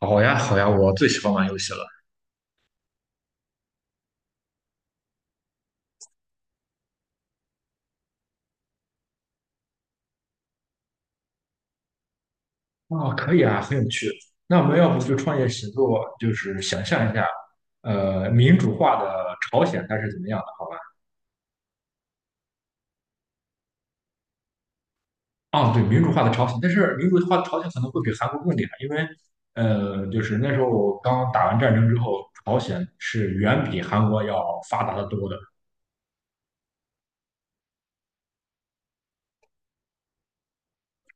好呀，好呀，我最喜欢玩游戏了。哦，可以啊，很有趣。那我们要不就创业写作，就是想象一下，民主化的朝鲜它是怎么样的？啊，对，民主化的朝鲜，但是民主化的朝鲜可能会比韩国更厉害，因为，就是那时候我刚打完战争之后，朝鲜是远比韩国要发达的多的。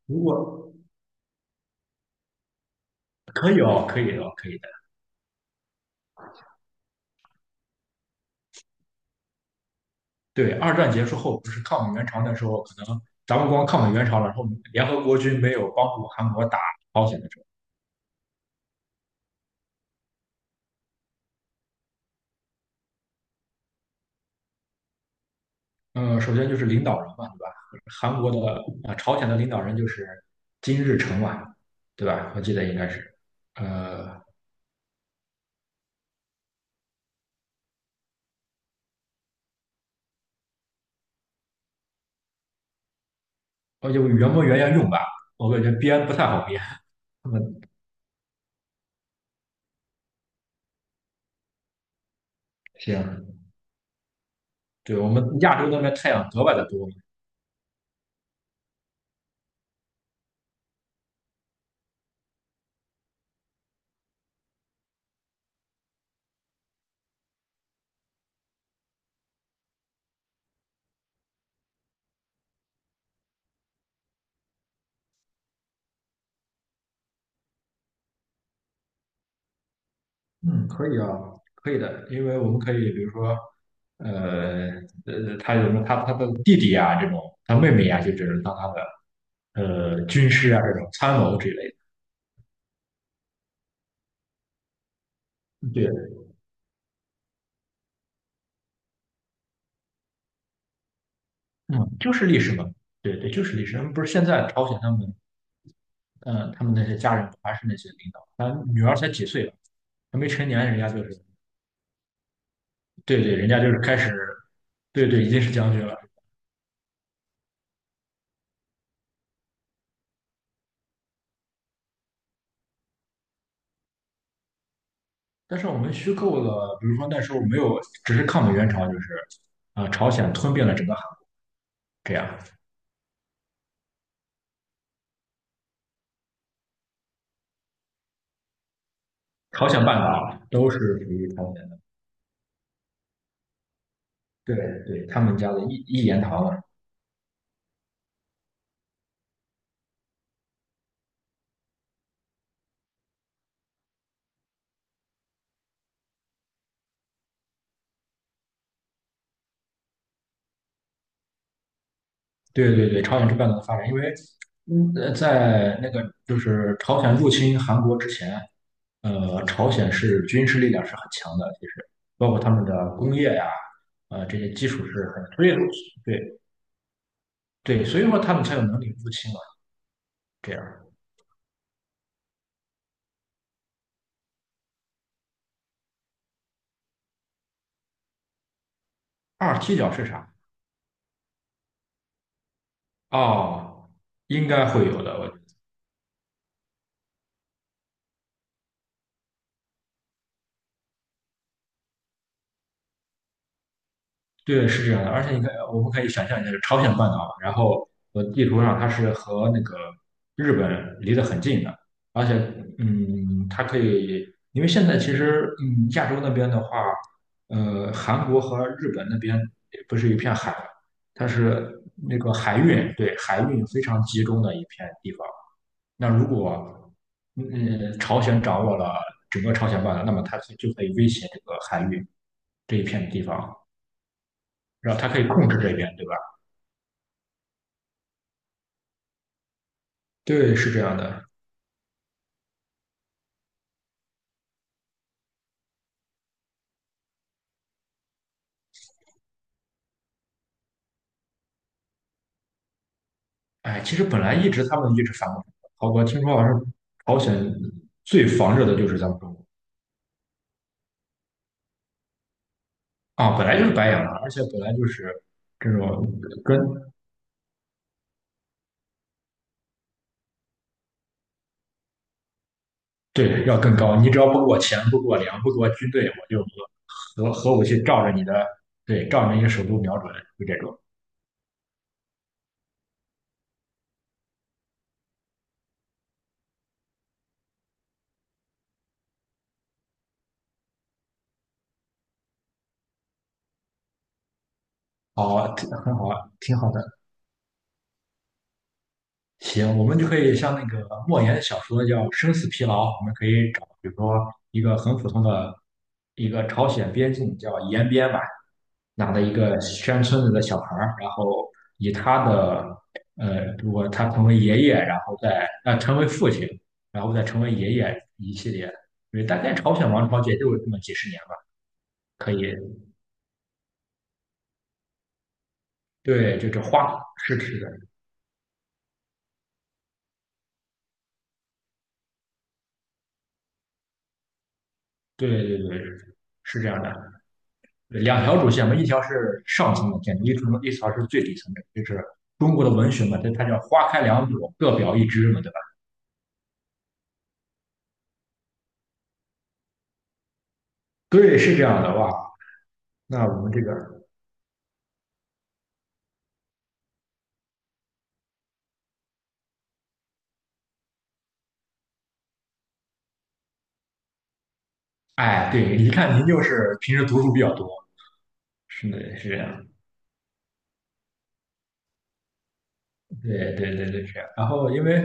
如果可以哦，可以哦，可以的。对，二战结束后不是抗美援朝那时候，可能咱们光抗美援朝了，然后联合国军没有帮助韩国打朝鲜的时候。首先就是领导人嘛，对吧？韩国的啊、朝鲜的领导人就是金日成嘛，对吧？我记得应该是，呃，哦，就原模原样用吧，我感觉编不太好编。嗯，行，对我们亚洲那边太阳格外的多。嗯，可以啊，可以的，因为我们可以比如说，呃他有什么他的弟弟啊这种，他妹妹呀，就只能当他的军师啊这种参谋之类的。对，嗯，就是历史嘛，对对，就是历史。他们不是现在朝鲜他们，嗯、他们那些家人还是那些领导，他女儿才几岁了，还没成年，人家就是，对对，人家就是开始，对对，已经是将军了。但是我们虚构了，比如说那时候没有，只是抗美援朝，就是朝鲜吞并了整个韩，这样，朝鲜半岛都是属于朝鲜的，对对，他们家的一言堂了。对对对，朝鲜是半岛的发展，因为在那个就是朝鲜入侵韩国之前，朝鲜是军事力量是很强的，其实包括他们的工业呀、这些基础是很，所以对对，所以说他们才有能力入侵嘛。这样，二踢脚是啥？哦，应该会有的，对，是这样的，而且你看，我们可以想象一下，朝鲜半岛，然后地图上它是和那个日本离得很近的，而且，它可以，因为现在其实，亚洲那边的话，韩国和日本那边不是一片海，它是那个海运，对，海运非常集中的一片地方。那如果，朝鲜掌握了整个朝鲜半岛，那么它就可以威胁这个海运这一片地方。然后他可以控制这边，对吧？对，是这样的。哎，其实本来一直他们一直反过来，好吧，听说好像朝鲜最防着的就是咱们中国啊，本来就是白眼狼，而且本来就是这种跟对要更高，你只要不给我钱，不给我粮，不给我军队，我就核武器照着你的对，照着你的首都瞄准，就这种。好，挺很好，挺好的。行，我们就可以像那个莫言的小说叫《生死疲劳》，我们可以找，比如说一个很普通的一个朝鲜边境叫延边吧，哪的一个山村子的小孩儿，然后以他的呃，如果他成为爷爷，然后再成为父亲，然后再成为爷爷一系列的，因为大概朝鲜王朝也就这么几十年吧，可以，对，就是花是是的，对对对，是这样的。两条主线嘛，一条是上层的建筑，一条是最底层的，就是中国的文学嘛，它叫花开两朵，各表一枝嘛，对吧？对，是这样的哇。那我们这个，哎，对，一看您就是平时读书比较多，是的，是这样。对对对对是啊。然后因为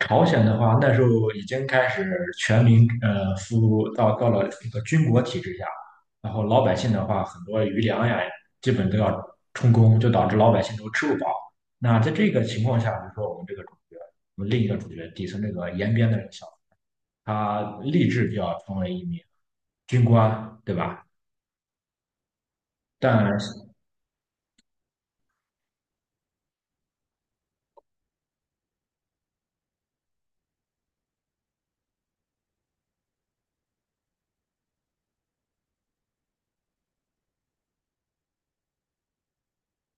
朝鲜的话，那时候已经开始全民服务到了一个军国体制下，然后老百姓的话，很多余粮呀，基本都要充公，就导致老百姓都吃不饱。那在这个情况下，比如说我们这个主角，我们另一个主角底层这个延边的这个小子，他立志就要成为一名军官，对吧？但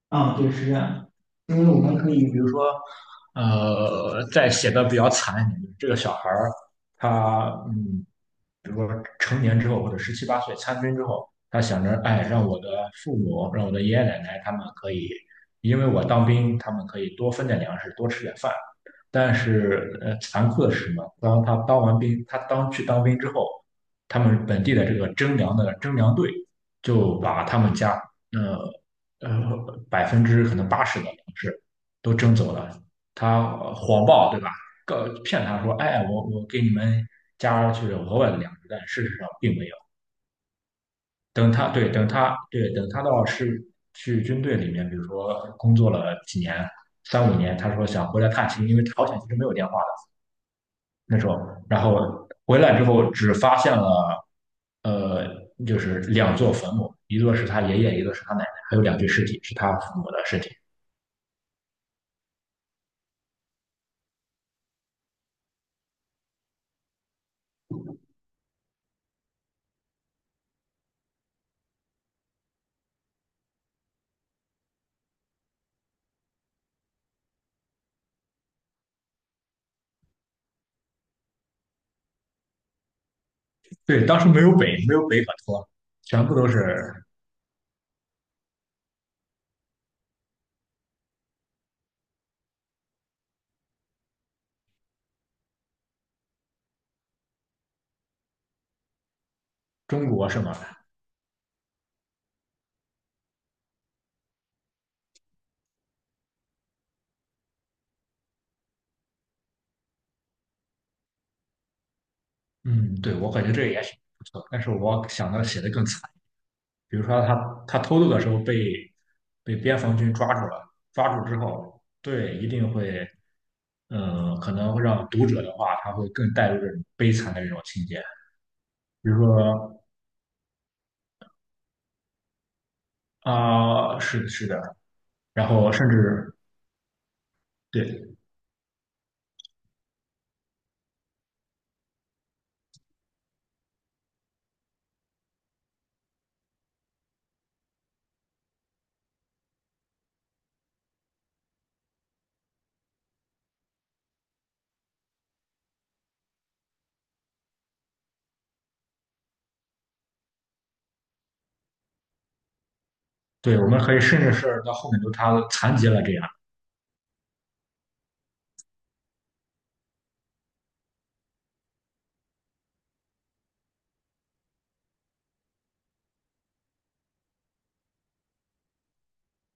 啊，对，是这样的。因为我们可以，比如说，在写的比较惨一点，就是这个小孩儿，他嗯，比如说成年之后或者十七八岁参军之后，他想着，哎，让我的父母，让我的爷爷奶奶他们可以，因为我当兵，他们可以多分点粮食，多吃点饭。但是残酷的是什么？当他当完兵，他当去当兵之后，他们本地的这个征粮队就把他们家呃百分之可能80的粮食都征走了。他谎报对吧？告骗他说，哎，我给你们加去了额外的粮食，但事实上并没有。等他到是去军队里面，比如说工作了三五年，他说想回来探亲，因为朝鲜其实没有电话。那时候，然后回来之后只发现了，呃，就是两座坟墓，一座是他爷爷，一座是他奶奶，还有两具尸体是他父母的尸体。对，当时没有北可托，全部都是中国是吗？嗯，对，我感觉这个也挺不错，但是我想到写的更惨，比如说他偷渡的时候被边防军抓住了，抓住之后，对，一定会。嗯，可能会让读者的话，他会更带入这种悲惨的这种情节。比如说，啊、是的，是的，然后甚至对对，我们可以甚至是到后面都他残疾了这样。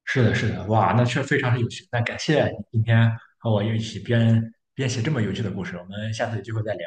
是的，是的，哇，那确实非常是有趣。那感谢你今天和我一起编写这么有趣的故事，我们下次有机会再聊。